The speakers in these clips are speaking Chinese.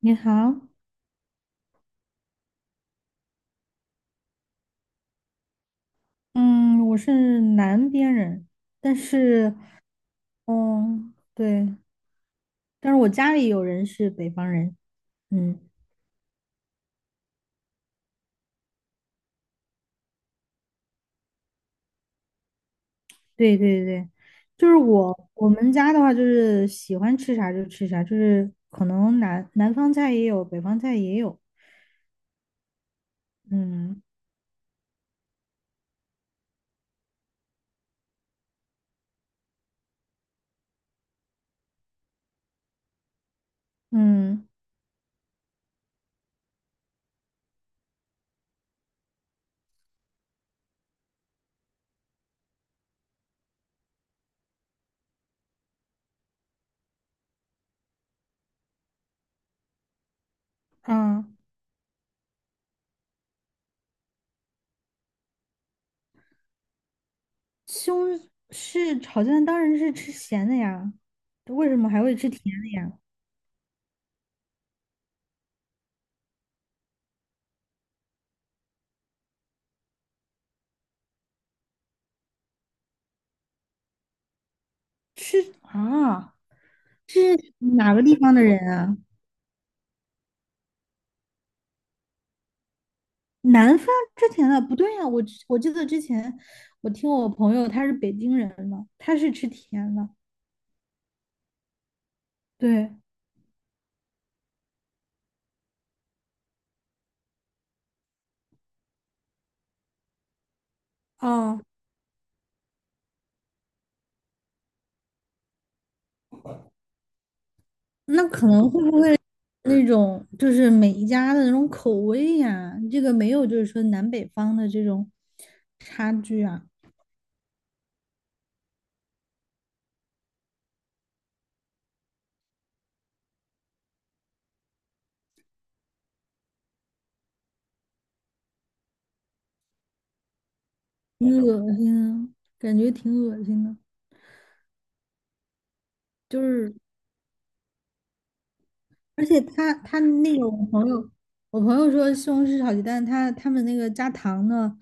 你好，嗯，我是南边人，但是，对，但是我家里有人是北方人，嗯，对对对，就是我们家的话，就是喜欢吃啥就吃啥，就是可能南方菜也有，北方菜也有，嗯嗯啊，西红柿炒蛋当然是吃咸的呀，为什么还会吃甜的呀？吃啊，这是哪个地方的人啊？南方吃甜的不对呀、我记得之前我听我朋友他是北京人嘛，他是吃甜的。对，哦，那可能会不会那种就是每一家的那种口味呀、这个没有就是说南北方的这种差距啊，挺恶心的，感觉挺恶心的。就是而且他那个我朋友，我朋友说西红柿炒鸡蛋，他们那个加糖的，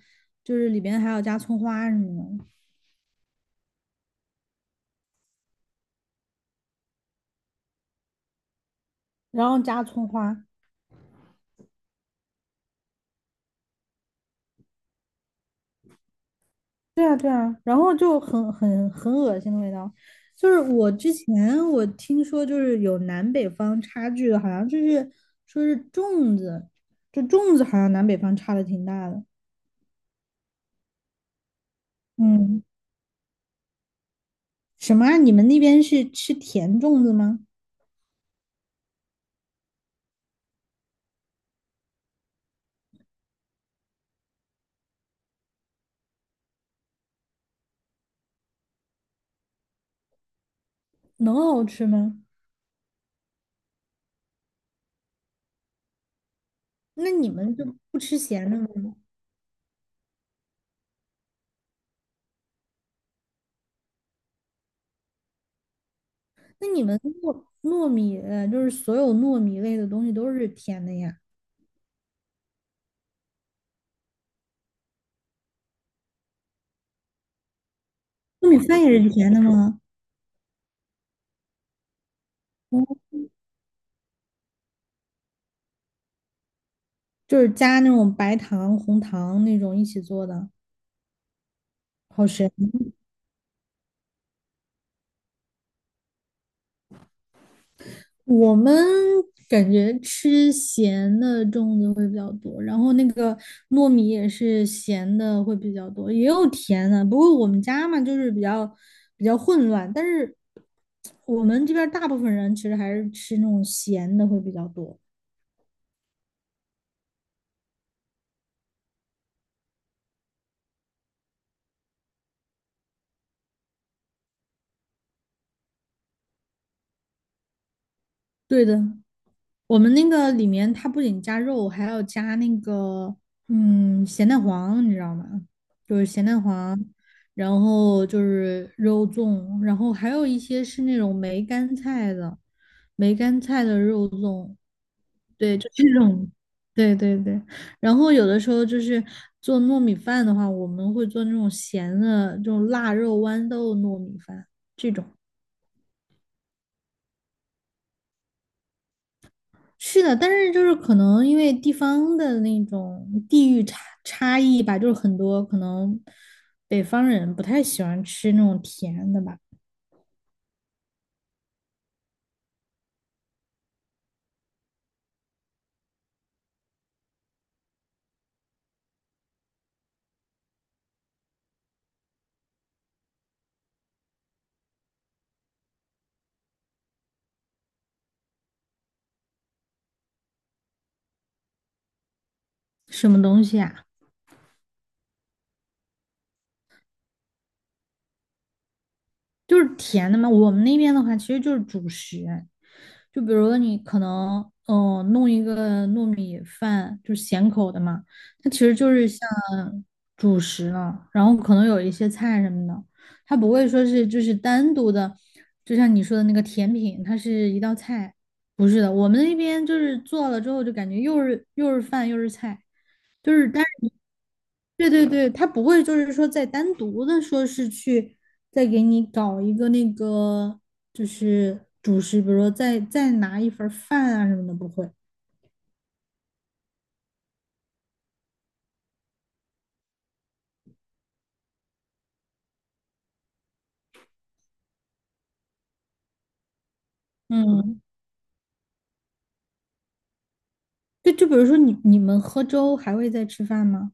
就是里边还要加葱花什么的。然后加葱花，对啊对啊，然后就很很恶心的味道。就是我之前我听说，就是有南北方差距的，好像就是说是粽子，就粽子好像南北方差的挺大的。嗯，什么啊？你们那边是吃甜粽子吗？能好吃吗？那你们就不吃咸的吗？那你们糯米，就是所有糯米类的东西都是甜的呀？糯米饭也是甜的吗？就是加那种白糖、红糖那种一起做的，好神。我们感觉吃咸的粽子会比较多，然后那个糯米也是咸的会比较多，也有甜的。不过我们家嘛，就是比较混乱，但是我们这边儿大部分人其实还是吃那种咸的会比较多。对的，我们那个里面它不仅加肉，还要加那个咸蛋黄，你知道吗？就是咸蛋黄，然后就是肉粽，然后还有一些是那种梅干菜的，梅干菜的肉粽，对，就这种，对对对。然后有的时候就是做糯米饭的话，我们会做那种咸的，这种腊肉豌豆糯米饭这种。是的，但是就是可能因为地方的那种地域差异吧，就是很多可能北方人不太喜欢吃那种甜的吧，什么东西啊？就是甜的嘛。我们那边的话，其实就是主食，就比如说你可能弄一个糯米饭，就是咸口的嘛，它其实就是像主食了，然后可能有一些菜什么的，它不会说是就是单独的，就像你说的那个甜品，它是一道菜。不是的，我们那边就是做了之后就感觉又是饭又是菜，就是但。对对对，他不会就是说再单独的说是去再给你搞一个那个就是主食，比如说再拿一份儿饭啊什么的，不会。嗯，对，就比如说你们喝粥还会再吃饭吗？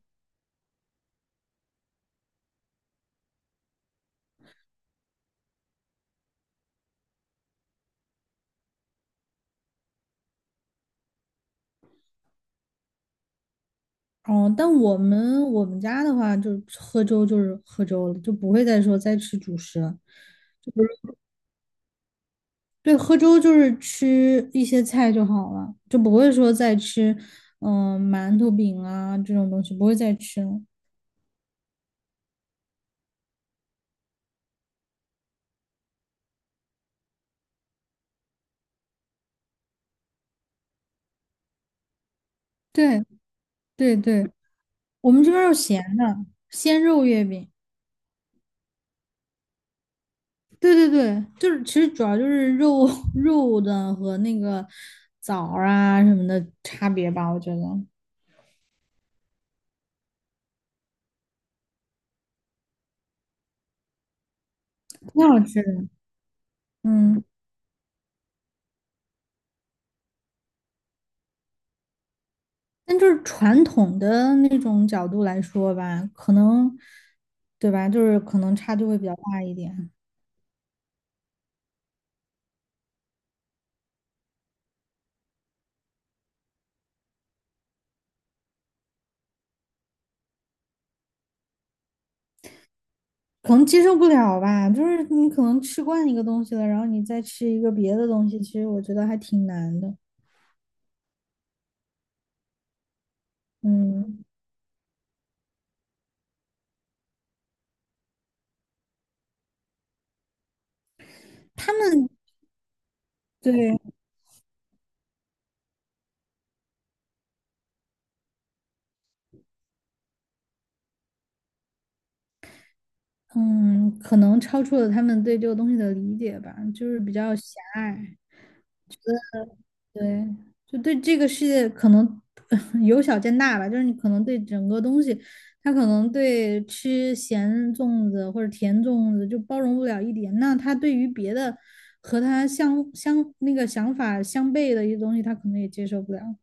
哦，但我们家的话，就喝粥就是喝粥了，就不会再说再吃主食了。对，喝粥就是吃一些菜就好了，就不会说再吃馒头饼啊这种东西，不会再吃了。对对对。我们这边儿有咸的，鲜肉月饼。对对对，就是其实主要就是肉 肉的和那个枣儿啊什么的差别吧，我觉得挺好吃的。嗯，但就是传统的那种角度来说吧，可能对吧，就是可能差距会比较大一点，可能接受不了吧。就是你可能吃惯一个东西了，然后你再吃一个别的东西，其实我觉得还挺难的。嗯，他们对。嗯，可能超出了他们对这个东西的理解吧，就是比较狭隘，对，就对这个世界可能 由小见大吧，就是你可能对整个东西，他可能对吃咸粽子或者甜粽子就包容不了一点，那他对于别的和他相那个想法相悖的一些东西，他可能也接受不了。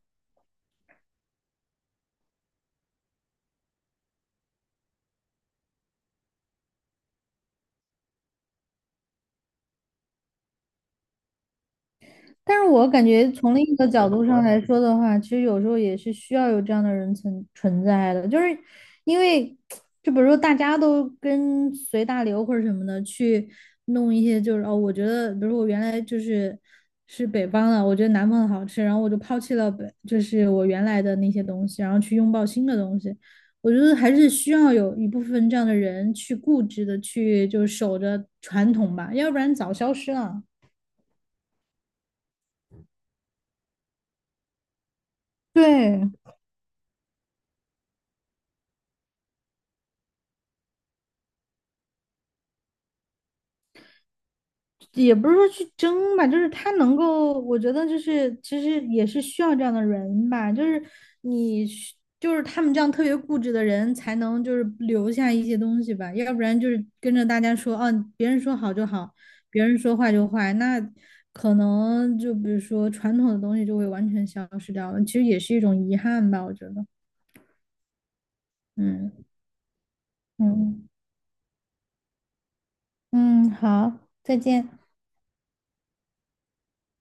但是我感觉从另一个角度上来说的话，其实有时候也是需要有这样的人存在的，就是因为就比如说大家都跟随大流或者什么的去弄一些，就是哦，我觉得比如说我原来是北方的，我觉得南方的好吃，然后我就抛弃了北，就是我原来的那些东西，然后去拥抱新的东西。我觉得还是需要有一部分这样的人去固执的去就守着传统吧，要不然早消失了。对，也不是说去争吧，就是他能够，我觉得就是其实也是需要这样的人吧，就是你需就是他们这样特别固执的人才能就是留下一些东西吧，要不然就是跟着大家说，啊，别人说好就好，别人说坏就坏，那可能就比如说传统的东西就会完全消失掉了，其实也是一种遗憾吧，我觉得，嗯嗯嗯，好，再见。